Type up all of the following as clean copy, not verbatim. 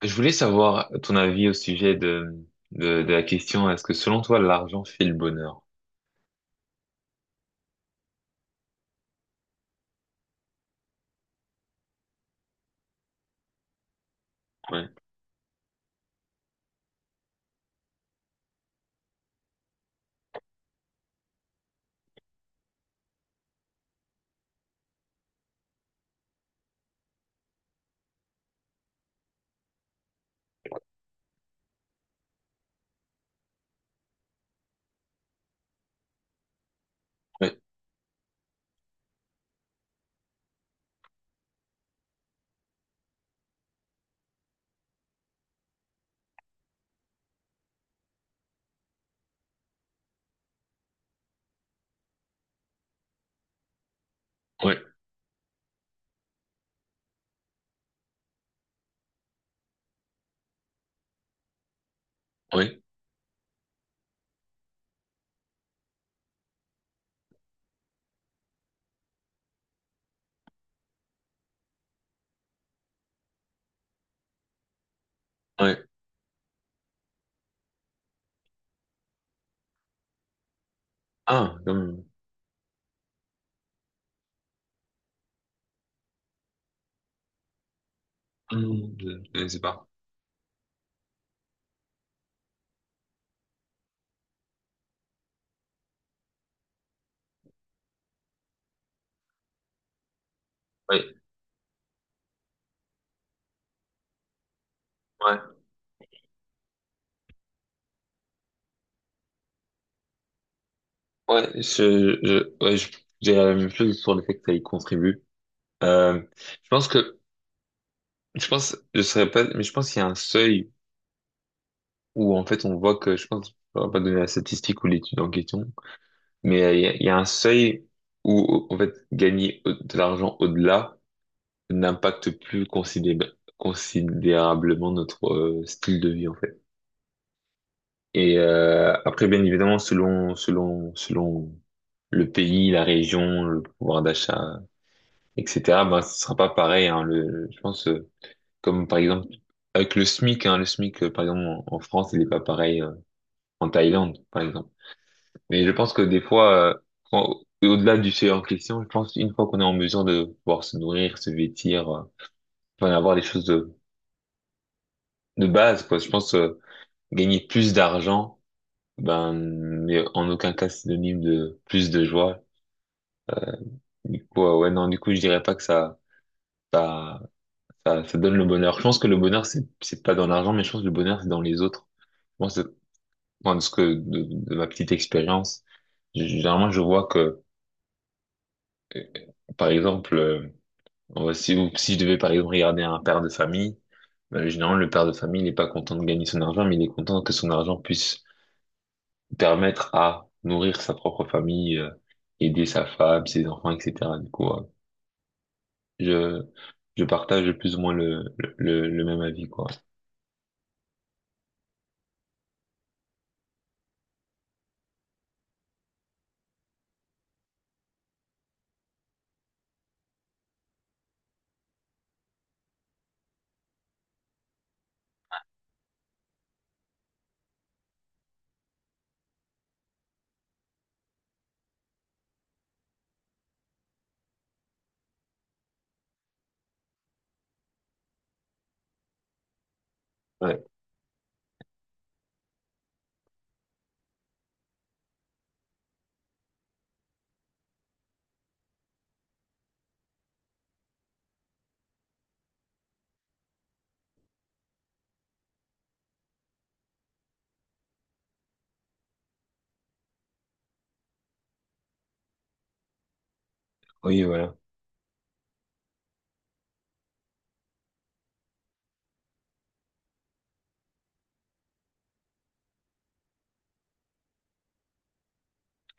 Je voulais savoir ton avis au sujet de la question, est-ce que selon toi, l'argent fait le bonheur? Ouais, ouais, ouais, ouais, ouais. Ah, comme, hmm, je ne sais pas. Ouais, ouais, ouais, j'ai la même chose sur le fait que ça y contribue. Euh, je pense que, je pense, je serais pas, mais je pense qu'il y a un seuil où, en fait, on voit que, je pense, on va pas donner la statistique ou l'étude en question, mais il y a un seuil où, en fait, de l'argent au-delà, n'impacte plus considérablement notre style de vie en fait. Et après, bien évidemment, selon le pays, la région, le pouvoir d'achat, etc. Ben, ce sera pas pareil. Hein, le, je pense comme par exemple avec le SMIC, hein, le SMIC par exemple en France, il est pas pareil en Thaïlande, par exemple. Mais je pense que des fois, au-delà du fait en question, je pense une fois qu'on est en mesure de pouvoir se nourrir, se vêtir, enfin avoir des choses de base, quoi. Je pense gagner plus d'argent, ben, mais en aucun cas synonyme de plus de joie. Du coup, ouais, non, du coup, je dirais pas que ça, ça donne le bonheur. Je pense que le bonheur, c'est pas dans l'argent, mais je pense que le bonheur, c'est dans les autres. Moi, c'est, enfin, de ce que de ma petite expérience, généralement, je vois que, euh, par exemple, si, ou si je devais, par exemple, regarder un père de famille, ben, généralement, le père de famille, il est pas content de gagner son argent, mais il est content que son argent puisse permettre à nourrir sa propre famille, aider sa femme, ses enfants, etc. Du coup, je, je partage plus ou moins le même avis, quoi. Ouais, oui, voilà,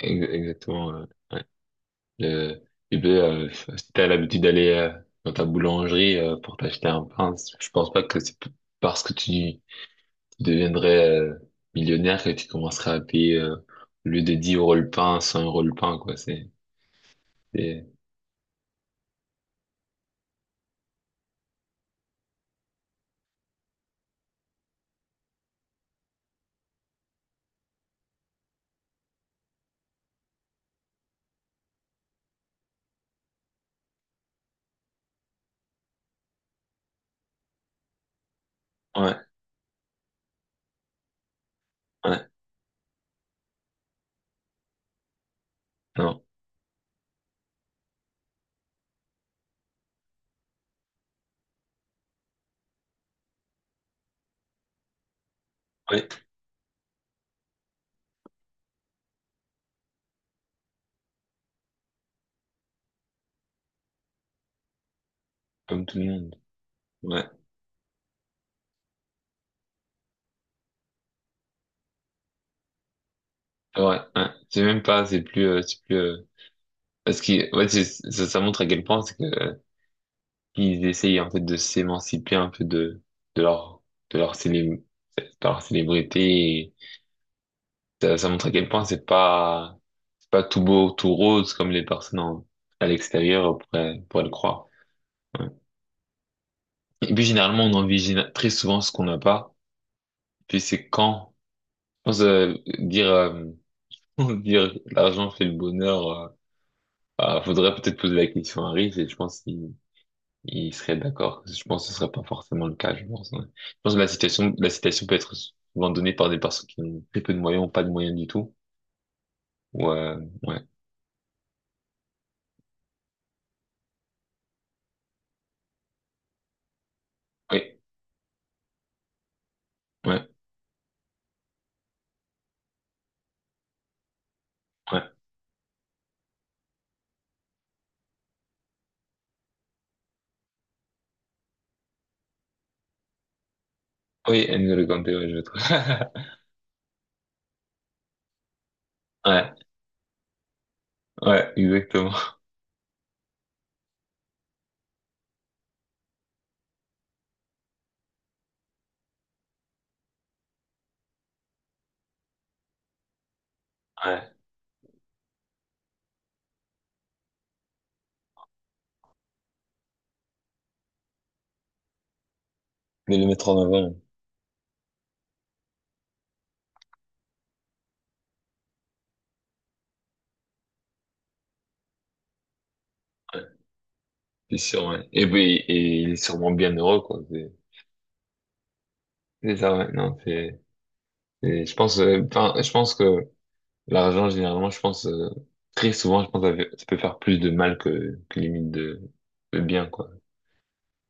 Exactement. Ouais. Le, tu peux, si t'as l'habitude d'aller dans ta boulangerie pour t'acheter un pain, je pense pas que parce que tu, deviendrais millionnaire que tu commencerais à payer au lieu de 10 euros le pain, 100 euros le pain, quoi. C'est, ouais, ouais, non, ouais, comme tout le monde. Ouais, ouais. C'est même pas, c'est plus, c'est plus. Parce que ouais, ça, ça montre à quel point c'est que ils essayent en fait de s'émanciper un peu de de leur de leur célé- de leur célébrité. Et ça montre à quel point c'est pas tout beau tout rose comme les personnes à l'extérieur pourraient le croire. Ouais. Et puis généralement on envisage très souvent ce qu'on n'a pas. Puis c'est quand je pense dire dire l'argent fait le bonheur. Ah, faudrait peut-être poser la question à Riff et je pense il serait d'accord. Je pense que ce serait pas forcément le cas, je pense. Ouais. Je pense que la citation peut être souvent donnée par des personnes qui ont très peu de moyens ou pas de moyens du tout. Ou, ouais, ouais, oui, ouais, ouais. Oui, N'Golo Kanté, ouais, je le trouve. Ouais, ouais, exactement. Ouais. De le mettre en avant. Ouais, c'est sûr, ouais. Et puis, et il est sûrement bien heureux, quoi. C'est ça, ouais. Non, c'est, je pense, enfin, je pense que l'argent, généralement, je pense, très souvent, je pense que ça peut faire plus de mal que limite de bien, quoi.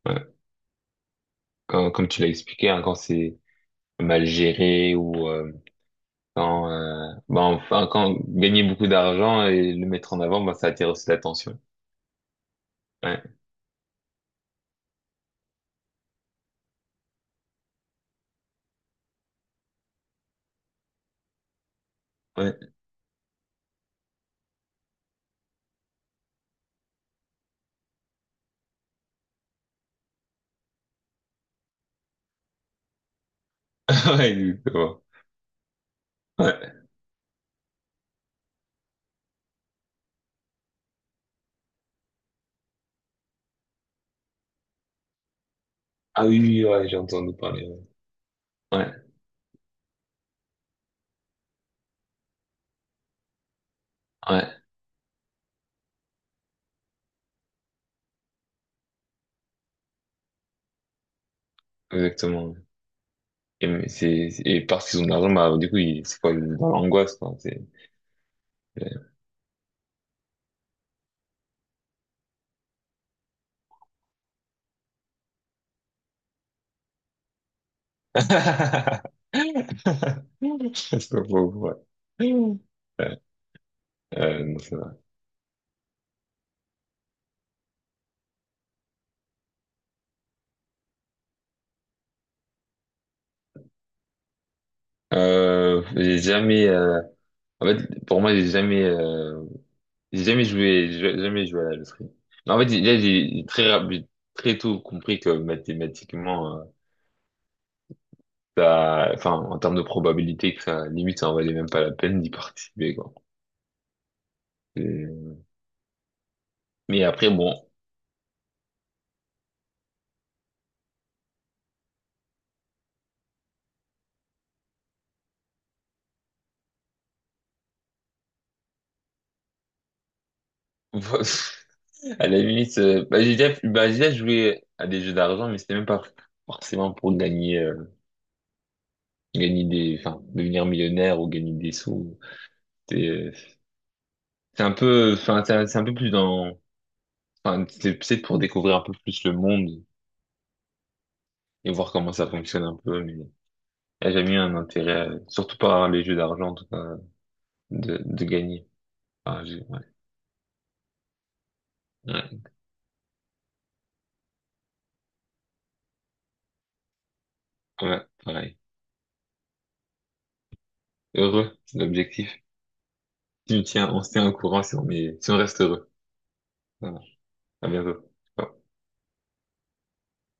Ouais. Comme, tu l'as expliqué, hein, quand c'est mal géré ou quand, bah, enfin, quand gagner beaucoup d'argent et le mettre en avant, bah, ça attire aussi l'attention. Ouais, ouais, ouais, exactement. Ouais. Ah oui, oui, ouais, j'ai entendu parler. Ouais, ouais, ouais, exactement. Et, mais c'est, et parce qu'ils ont de l'argent, bah, du coup, ils, c'est quoi, dans l'angoisse, quoi. C'est, c'est pas pauvre, ouais. Ouais, non, c'est vrai. J'ai jamais, En fait, pour moi, j'ai jamais joué à la loterie. Mais en fait, là, j'ai très tôt compris que mathématiquement, enfin, en termes de probabilité, que ça, limite, ça en valait même pas la peine d'y participer, quoi. Et- Mais après, bon, à la limite, bah, bah, j'ai déjà joué à des jeux d'argent, mais c'était même pas forcément pour gagner, gagner des, enfin, devenir millionnaire ou gagner des sous. C'est c'est un peu, enfin, c'est un peu plus dans enfin, une petite épisode pour découvrir un peu plus le monde et voir comment ça fonctionne un peu, mais elle a jamais eu un intérêt, surtout par les jeux d'argent, en tout cas, de gagner. Ouais. Ouais, ouais, pareil. Heureux, c'est l'objectif. Si on tient, on se tient au courant si on est, si on reste heureux. Voilà. À bientôt.